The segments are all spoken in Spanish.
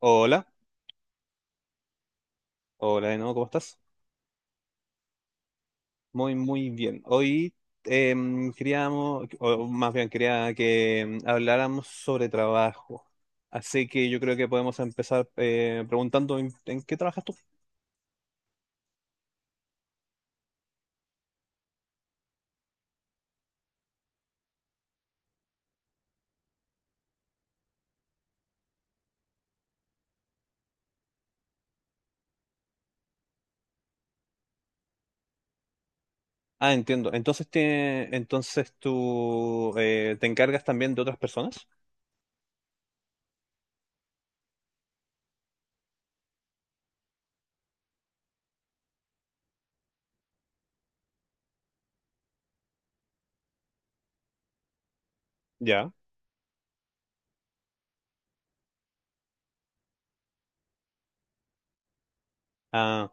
Hola, hola de nuevo, ¿cómo estás? Muy, muy bien. Hoy queríamos, o más bien quería que habláramos sobre trabajo. Así que yo creo que podemos empezar preguntando ¿en qué trabajas tú? Ah, entiendo. Entonces, te, entonces tú te encargas también de otras personas. Ya. ¿Ah,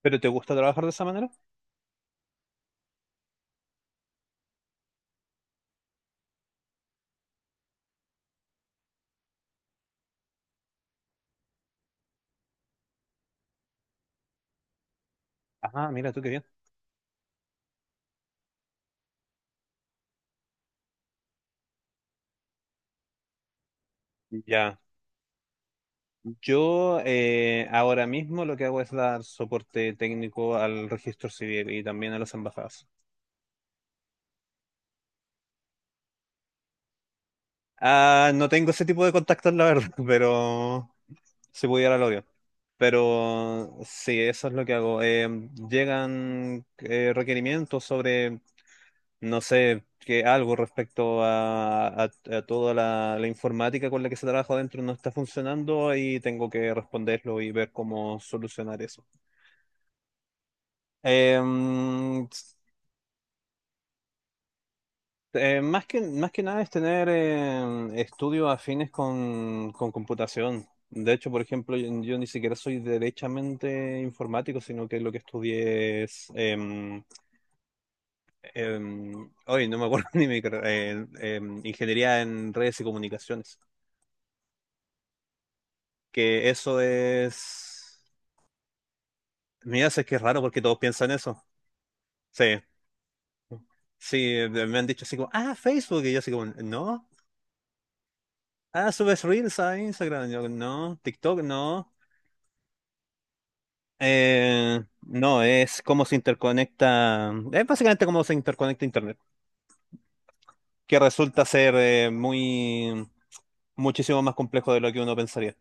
pero te gusta trabajar de esa manera? Ah, mira tú qué bien. Ya, yo ahora mismo lo que hago es dar soporte técnico al registro civil y también a las embajadas. Ah, no tengo ese tipo de contactos, la verdad, pero si pudiera lo haría. Pero sí, eso es lo que hago. Llegan requerimientos sobre, no sé, que algo respecto a, a toda la informática con la que se trabaja dentro no está funcionando y tengo que responderlo y ver cómo solucionar eso. Eh, más que nada es tener estudios afines con computación. De hecho, por ejemplo, yo ni siquiera soy derechamente informático, sino que lo que estudié es... hoy no me acuerdo ni mi carrera, ingeniería en redes y comunicaciones. Que eso es... Mira, sé que es raro porque todos piensan eso. Sí, sí, me han dicho así como, ah, Facebook, y yo así como, no. Ah, subes Reels a Instagram, yo no. TikTok, no. No, es cómo se interconecta, es básicamente cómo se interconecta Internet, que resulta ser muy, muchísimo más complejo de lo que uno pensaría.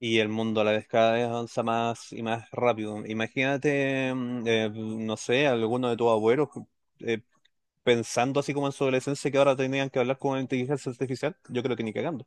Y el mundo a la vez cada vez avanza más y más rápido. Imagínate, no sé, alguno de tus abuelos eh, pensando así como en su adolescencia que ahora tenían que hablar con inteligencia artificial. Yo creo que ni cagando.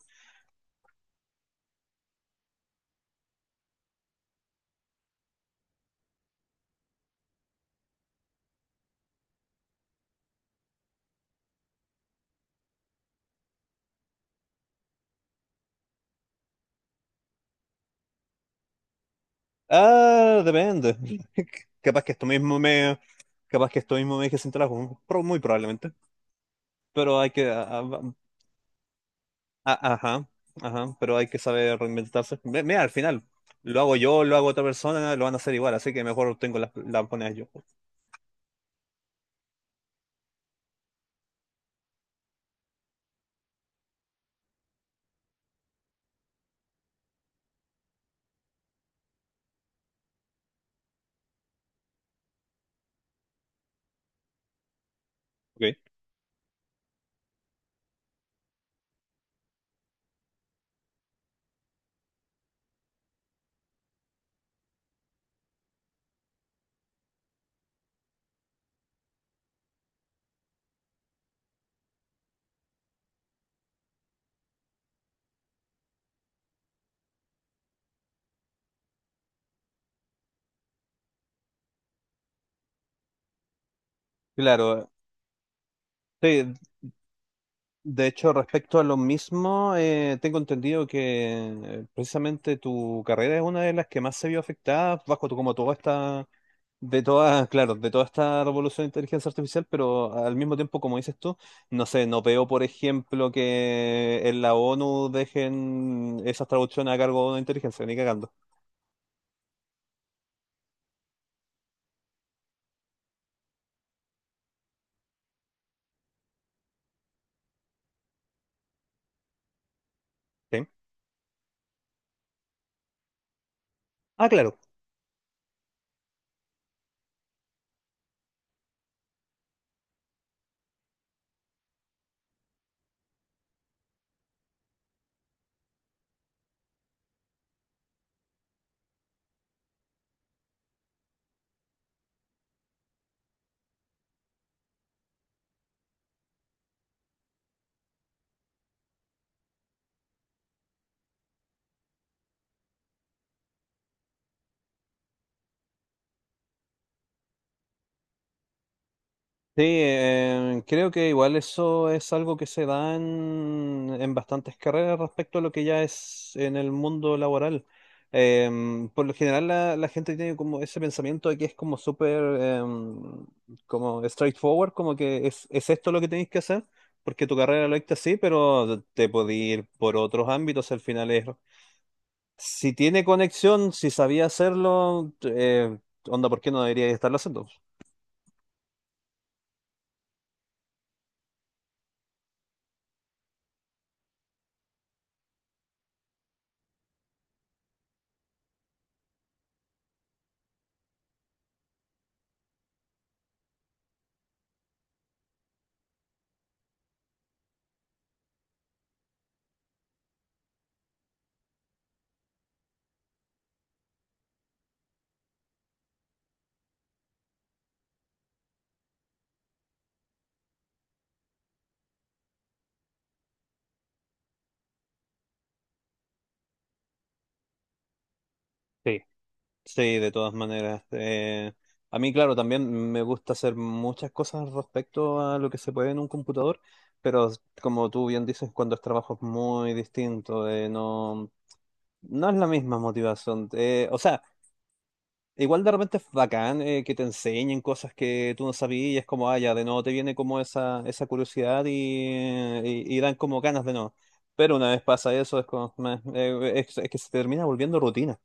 Ah, depende. Capaz que esto mismo me, capaz que esto mismo me deje sin trabajo, muy probablemente. Pero hay que, ajá, ajá, pero hay que saber reinventarse. Mira, al final, lo hago yo, lo hago otra persona, lo van a hacer igual, así que mejor tengo las monedas yo. Ok. Claro, sí. De hecho, respecto a lo mismo, tengo entendido que precisamente tu carrera es una de las que más se vio afectada bajo tu, como toda esta, de toda, claro, de toda esta revolución de inteligencia artificial, pero al mismo tiempo, como dices tú, no sé, no veo, por ejemplo, que en la ONU dejen esas traducciones a cargo de una inteligencia, ni cagando. ¿Sí? Ah, claro. Sí, creo que igual eso es algo que se da en bastantes carreras respecto a lo que ya es en el mundo laboral. Por lo general la, la gente tiene como ese pensamiento de que es como súper como straightforward, como que es esto lo que tenéis que hacer, porque tu carrera lo dicta así, pero te podéis ir por otros ámbitos al final es... Si tiene conexión, si sabía hacerlo, onda, ¿por qué no debería estarlo haciendo? Sí. Sí, de todas maneras. A mí, claro, también me gusta hacer muchas cosas respecto a lo que se puede en un computador, pero como tú bien dices, cuando es trabajo es muy distinto, no, no es la misma motivación. O sea, igual de repente es bacán que te enseñen cosas que tú no sabías, y es como, ah, ya, de nuevo te viene como esa curiosidad y, y dan como ganas de no. Pero una vez pasa eso, es como, meh, es que se termina volviendo rutina.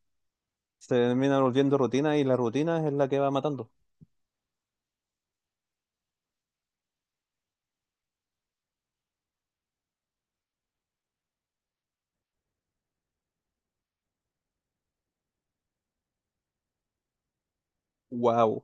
Se termina volviendo rutina y la rutina es la que va matando. Wow.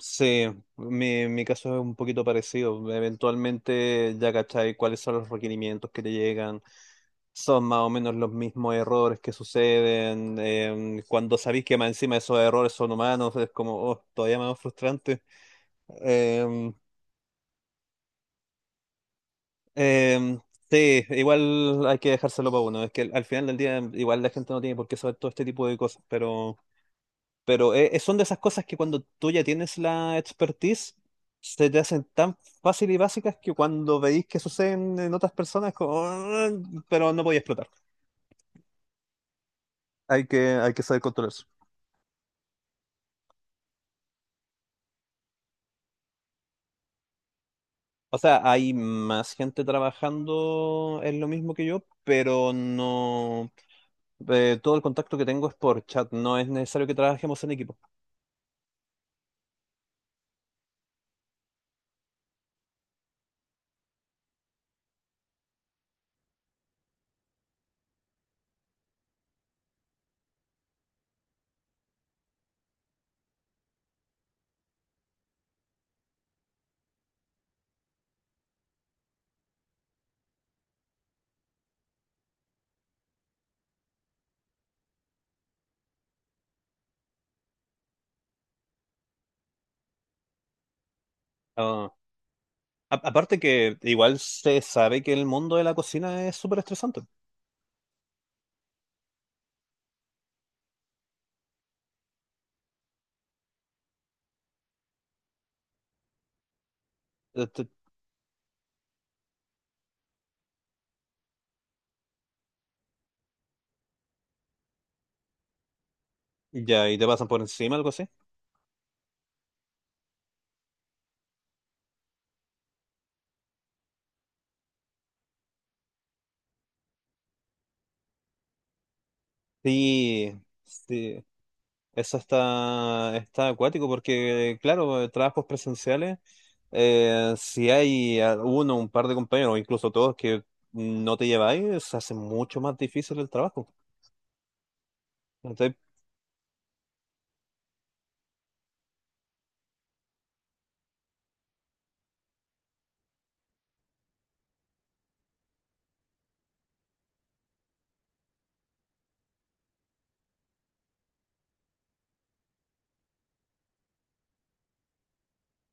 Sí, mi caso es un poquito parecido. Eventualmente ya cachai cuáles son los requerimientos que te llegan. Son más o menos los mismos errores que suceden. Cuando sabéis que más encima esos errores son humanos, es como, oh, todavía más frustrante. Em, em, sí, igual hay que dejárselo para uno. Es que al final del día, igual la gente no tiene por qué saber todo este tipo de cosas, pero. Pero son de esas cosas que cuando tú ya tienes la expertise, se te hacen tan fácil y básicas que cuando veis que suceden en otras personas, es como, "Ah", pero no podía explotar. Hay que saber controlar eso. O sea, hay más gente trabajando en lo mismo que yo, pero no. Todo el contacto que tengo es por chat, no es necesario que trabajemos en equipo. Ah, aparte que igual se sabe que el mundo de la cocina es súper estresante. Este, Ya, y te pasan por encima, algo así. Sí, sí, eso está, está acuático porque, claro, trabajos presenciales, si hay uno, un par de compañeros, o incluso todos que no te lleváis, se hace mucho más difícil el trabajo.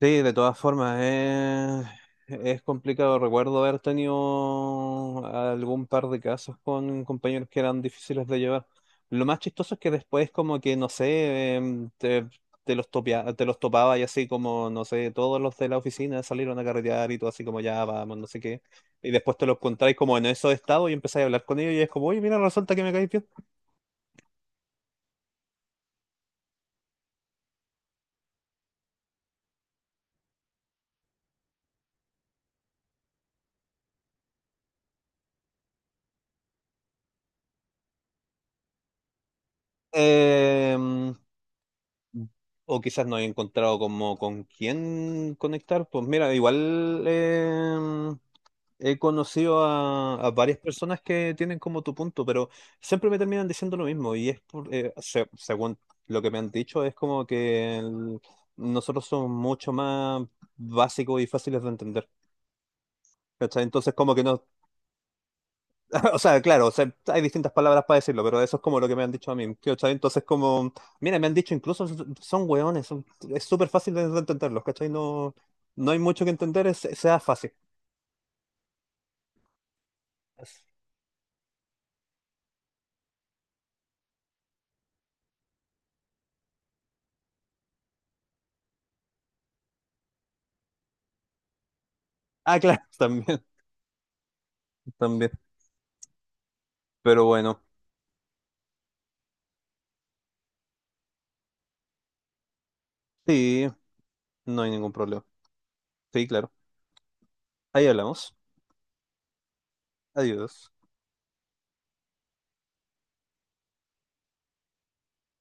Sí, de todas formas, es complicado. Recuerdo haber tenido algún par de casos con compañeros que eran difíciles de llevar. Lo más chistoso es que después como que, no sé, te los topaba y así como, no sé, todos los de la oficina salieron a carretear y todo así como, ya, vamos, no sé qué. Y después te los encontráis como en esos estados y empezáis a hablar con ellos y es como, oye, mira, resulta que me caes bien. Em, O quizás no he encontrado como con quién conectar. Pues mira, igual he conocido a varias personas que tienen como tu punto, pero siempre me terminan diciendo lo mismo. Y es por, según lo que me han dicho, es como que nosotros somos mucho más básicos y fáciles de entender. ¿Cachai? Entonces como que nos O sea, claro, o sea, hay distintas palabras para decirlo, pero eso es como lo que me han dicho a mí. ¿Cachai? Entonces, como, mira, me han dicho incluso son son hueones, es súper fácil de entenderlos, ¿cachai? No, no hay mucho que entender, es, sea fácil. Ah, claro, también, también. Pero bueno, sí, no hay ningún problema. Sí, claro. Ahí hablamos. Adiós.